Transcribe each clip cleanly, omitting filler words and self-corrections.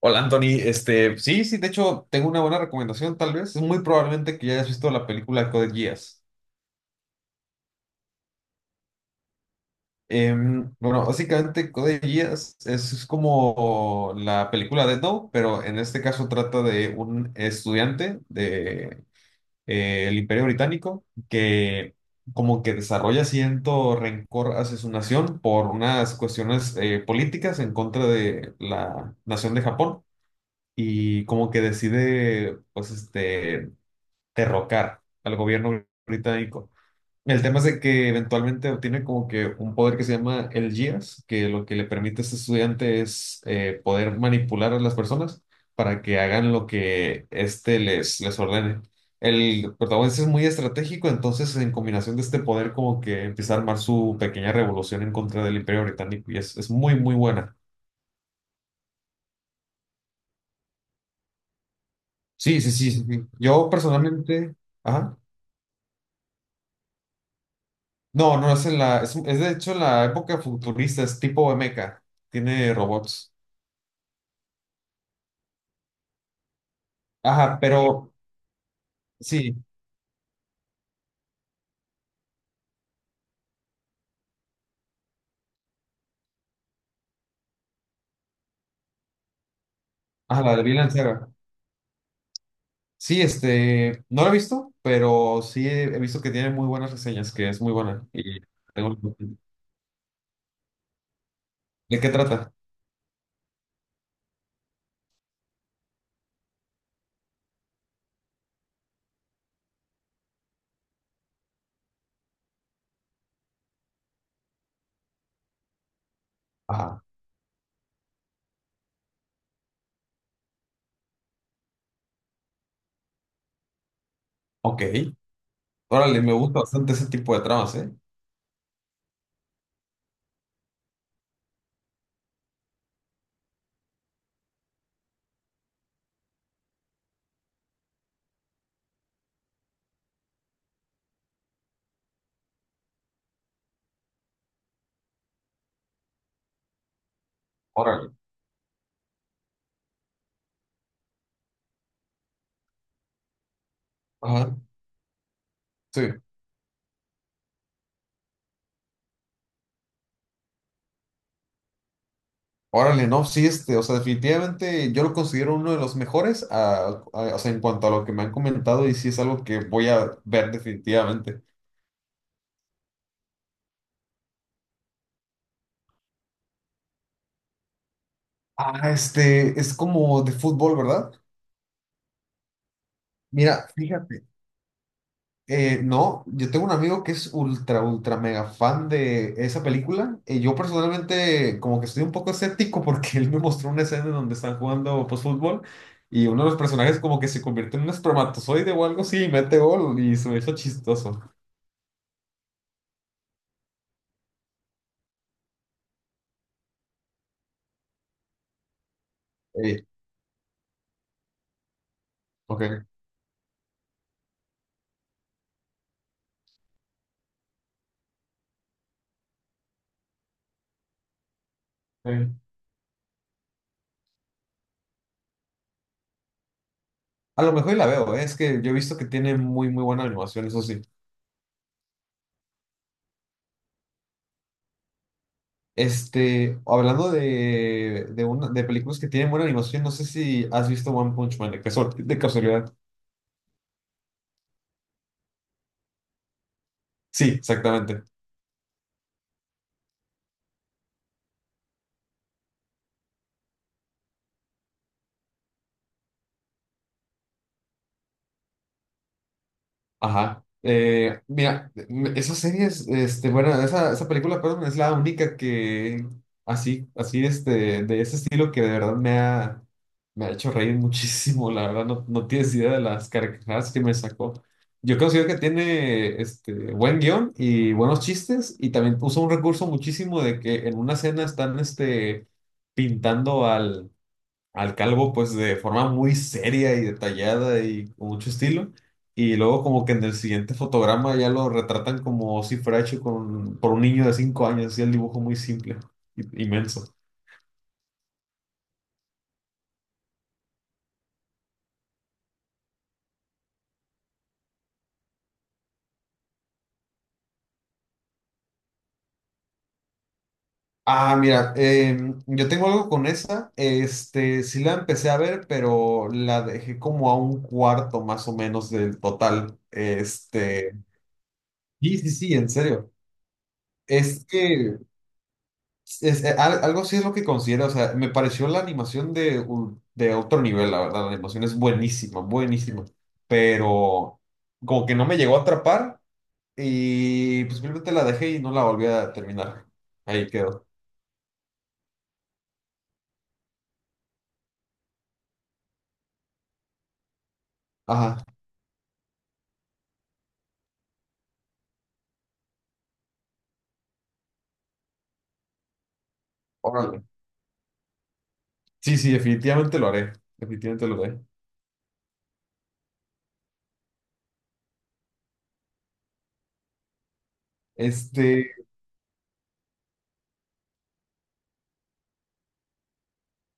Hola Anthony, de hecho tengo una buena recomendación tal vez, es muy probablemente que ya hayas visto la película Code Geass. Bueno, básicamente Code Geass es como la película de No, pero en este caso trata de un estudiante de el Imperio Británico que como que desarrolla cierto rencor hacia su nación por unas cuestiones políticas en contra de la nación de Japón y como que decide, pues, derrocar al gobierno británico. El tema es de que eventualmente obtiene como que un poder que se llama el GIAS, que lo que le permite a este estudiante es poder manipular a las personas para que hagan lo que éste les ordene. El protagonista es muy estratégico, entonces en combinación de este poder como que empieza a armar su pequeña revolución en contra del Imperio Británico y es muy, muy buena. Sí, sí, sí, sí. Sí. Yo personalmente... Ajá. No, no, es de hecho en la época futurista, es tipo mecha, tiene robots. Ajá, pero sí, ajá, la de Vinland Saga. Sí, no la he visto, pero he visto que tiene muy buenas reseñas, que es muy buena. Y tengo... ¿De qué trata? Ajá, ok. Órale, me gusta bastante ese tipo de tramas, ¿eh? Órale. Ajá, sí. Órale, no, sí, o sea, definitivamente yo lo considero uno de los mejores, o sea, en cuanto a lo que me han comentado y sí es algo que voy a ver definitivamente. Ah, es como de fútbol, ¿verdad? Mira, fíjate, no, yo tengo un amigo que es ultra mega fan de esa película y yo personalmente como que estoy un poco escéptico porque él me mostró una escena en donde están jugando pues fútbol y uno de los personajes como que se convierte en un espermatozoide o algo así y mete gol y se me hizo chistoso. Eh, ok. Eh, A lo mejor y la veo, es que yo he visto que tiene muy, muy buena animación, eso sí. Hablando de películas que tienen buena animación, no sé si has visto One Punch Man, de casualidad. Sí, exactamente. Ajá. Mira, esa serie es, este, bueno, esa, película, perdón, es la única que así, de ese estilo que de verdad me ha hecho reír muchísimo, la verdad, no tienes idea de las carcajadas que me sacó. Yo considero que tiene, buen guión y buenos chistes y también usa un recurso muchísimo de que en una escena están, pintando al calvo pues de forma muy seria y detallada y con mucho estilo. Y luego como que en el siguiente fotograma ya lo retratan como si fuera hecho con, por un niño de 5 años, así el dibujo muy simple, inmenso. Ah, mira, yo tengo algo con esa, sí la empecé a ver, pero la dejé como a un cuarto más o menos del total, sí, sí, sí, en serio, es que es- al- algo así es lo que considero, o sea, me pareció la animación de otro nivel, la verdad, la animación es buenísima, buenísima, pero como que no me llegó a atrapar y pues simplemente la dejé y no la volví a terminar. Ahí quedó. Ajá, órale. Sí, sí, definitivamente lo haré, definitivamente lo haré. Este,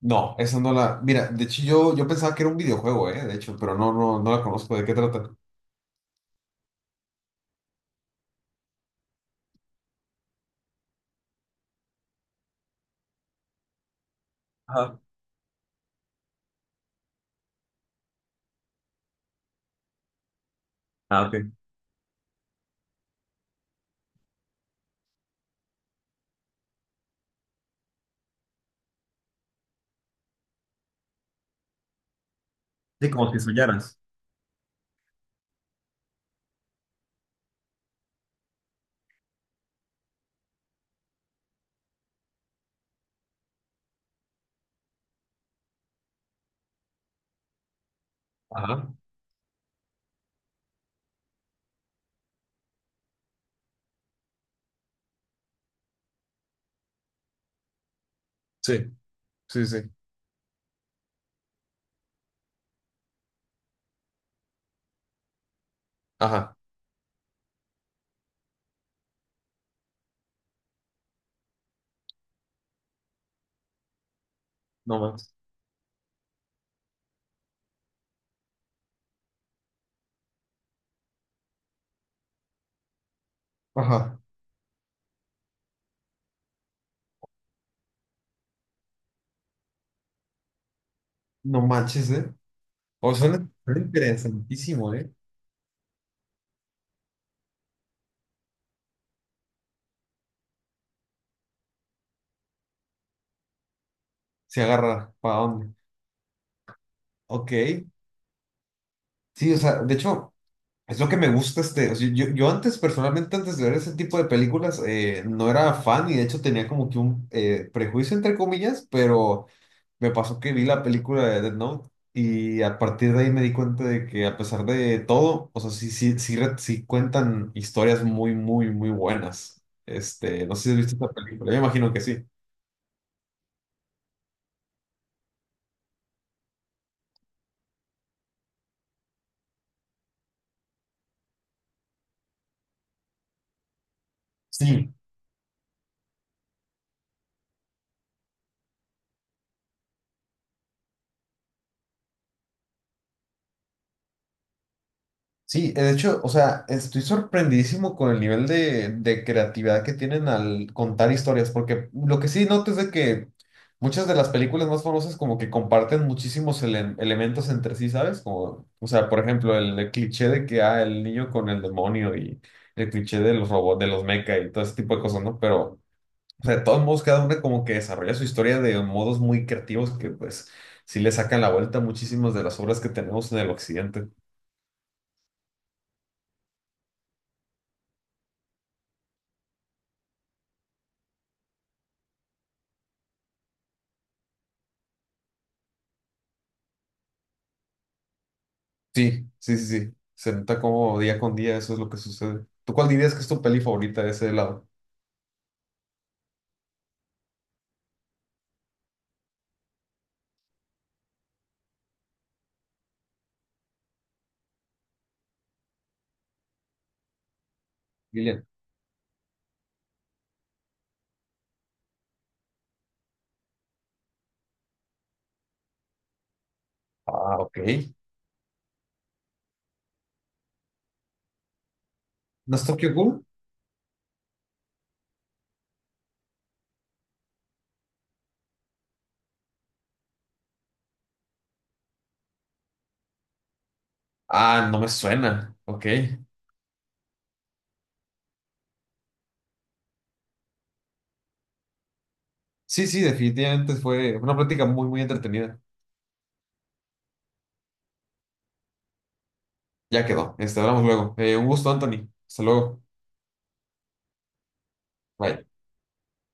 no, esa no la, mira, de hecho yo pensaba que era un videojuego, de hecho, pero no, no, no la conozco, ¿de qué trata? Ajá. Ah, ok. Sí, como si soñaras. Ajá. Sí, sí, sí. Ajá. No más. Ajá, no manches, ¿eh? O sea, suena interesantísimo, ¿eh? Se agarra, ¿para dónde? Ok, sí, o sea, de hecho, es lo que me gusta o sea, yo antes, personalmente, antes de ver ese tipo de películas, no era fan y de hecho tenía como que un prejuicio, entre comillas, pero me pasó que vi la película de Death Note y a partir de ahí me di cuenta de que a pesar de todo, o sea, sí, sí, sí, sí cuentan historias muy, muy, muy buenas. No sé si has visto esta película, yo me imagino que sí. Sí, sí, de hecho, o sea, estoy sorprendidísimo con el nivel de creatividad que tienen al contar historias, porque lo que sí noto es de que muchas de las películas más famosas como que comparten muchísimos elementos entre sí, ¿sabes? Como, o sea, por ejemplo, el cliché de que, ah, el niño con el demonio y el cliché de los robots, de los mecha y todo ese tipo de cosas, ¿no? Pero, o sea, de todos modos, cada hombre como que desarrolla su historia de modos muy creativos que, pues, sí le sacan la vuelta a muchísimas de las obras que tenemos en el occidente. Sí, sí, sí, sí. Se nota como día con día eso es lo que sucede. ¿Tú cuál dirías que es tu peli favorita de ese lado? Gillian. Ah, ok. ¿No es Tokyo Ghoul? Ah, no me suena. Ok. Sí, sí, definitivamente fue una plática muy, muy entretenida. Ya quedó. Hablamos luego. Un gusto, Anthony. Hasta luego. Bye.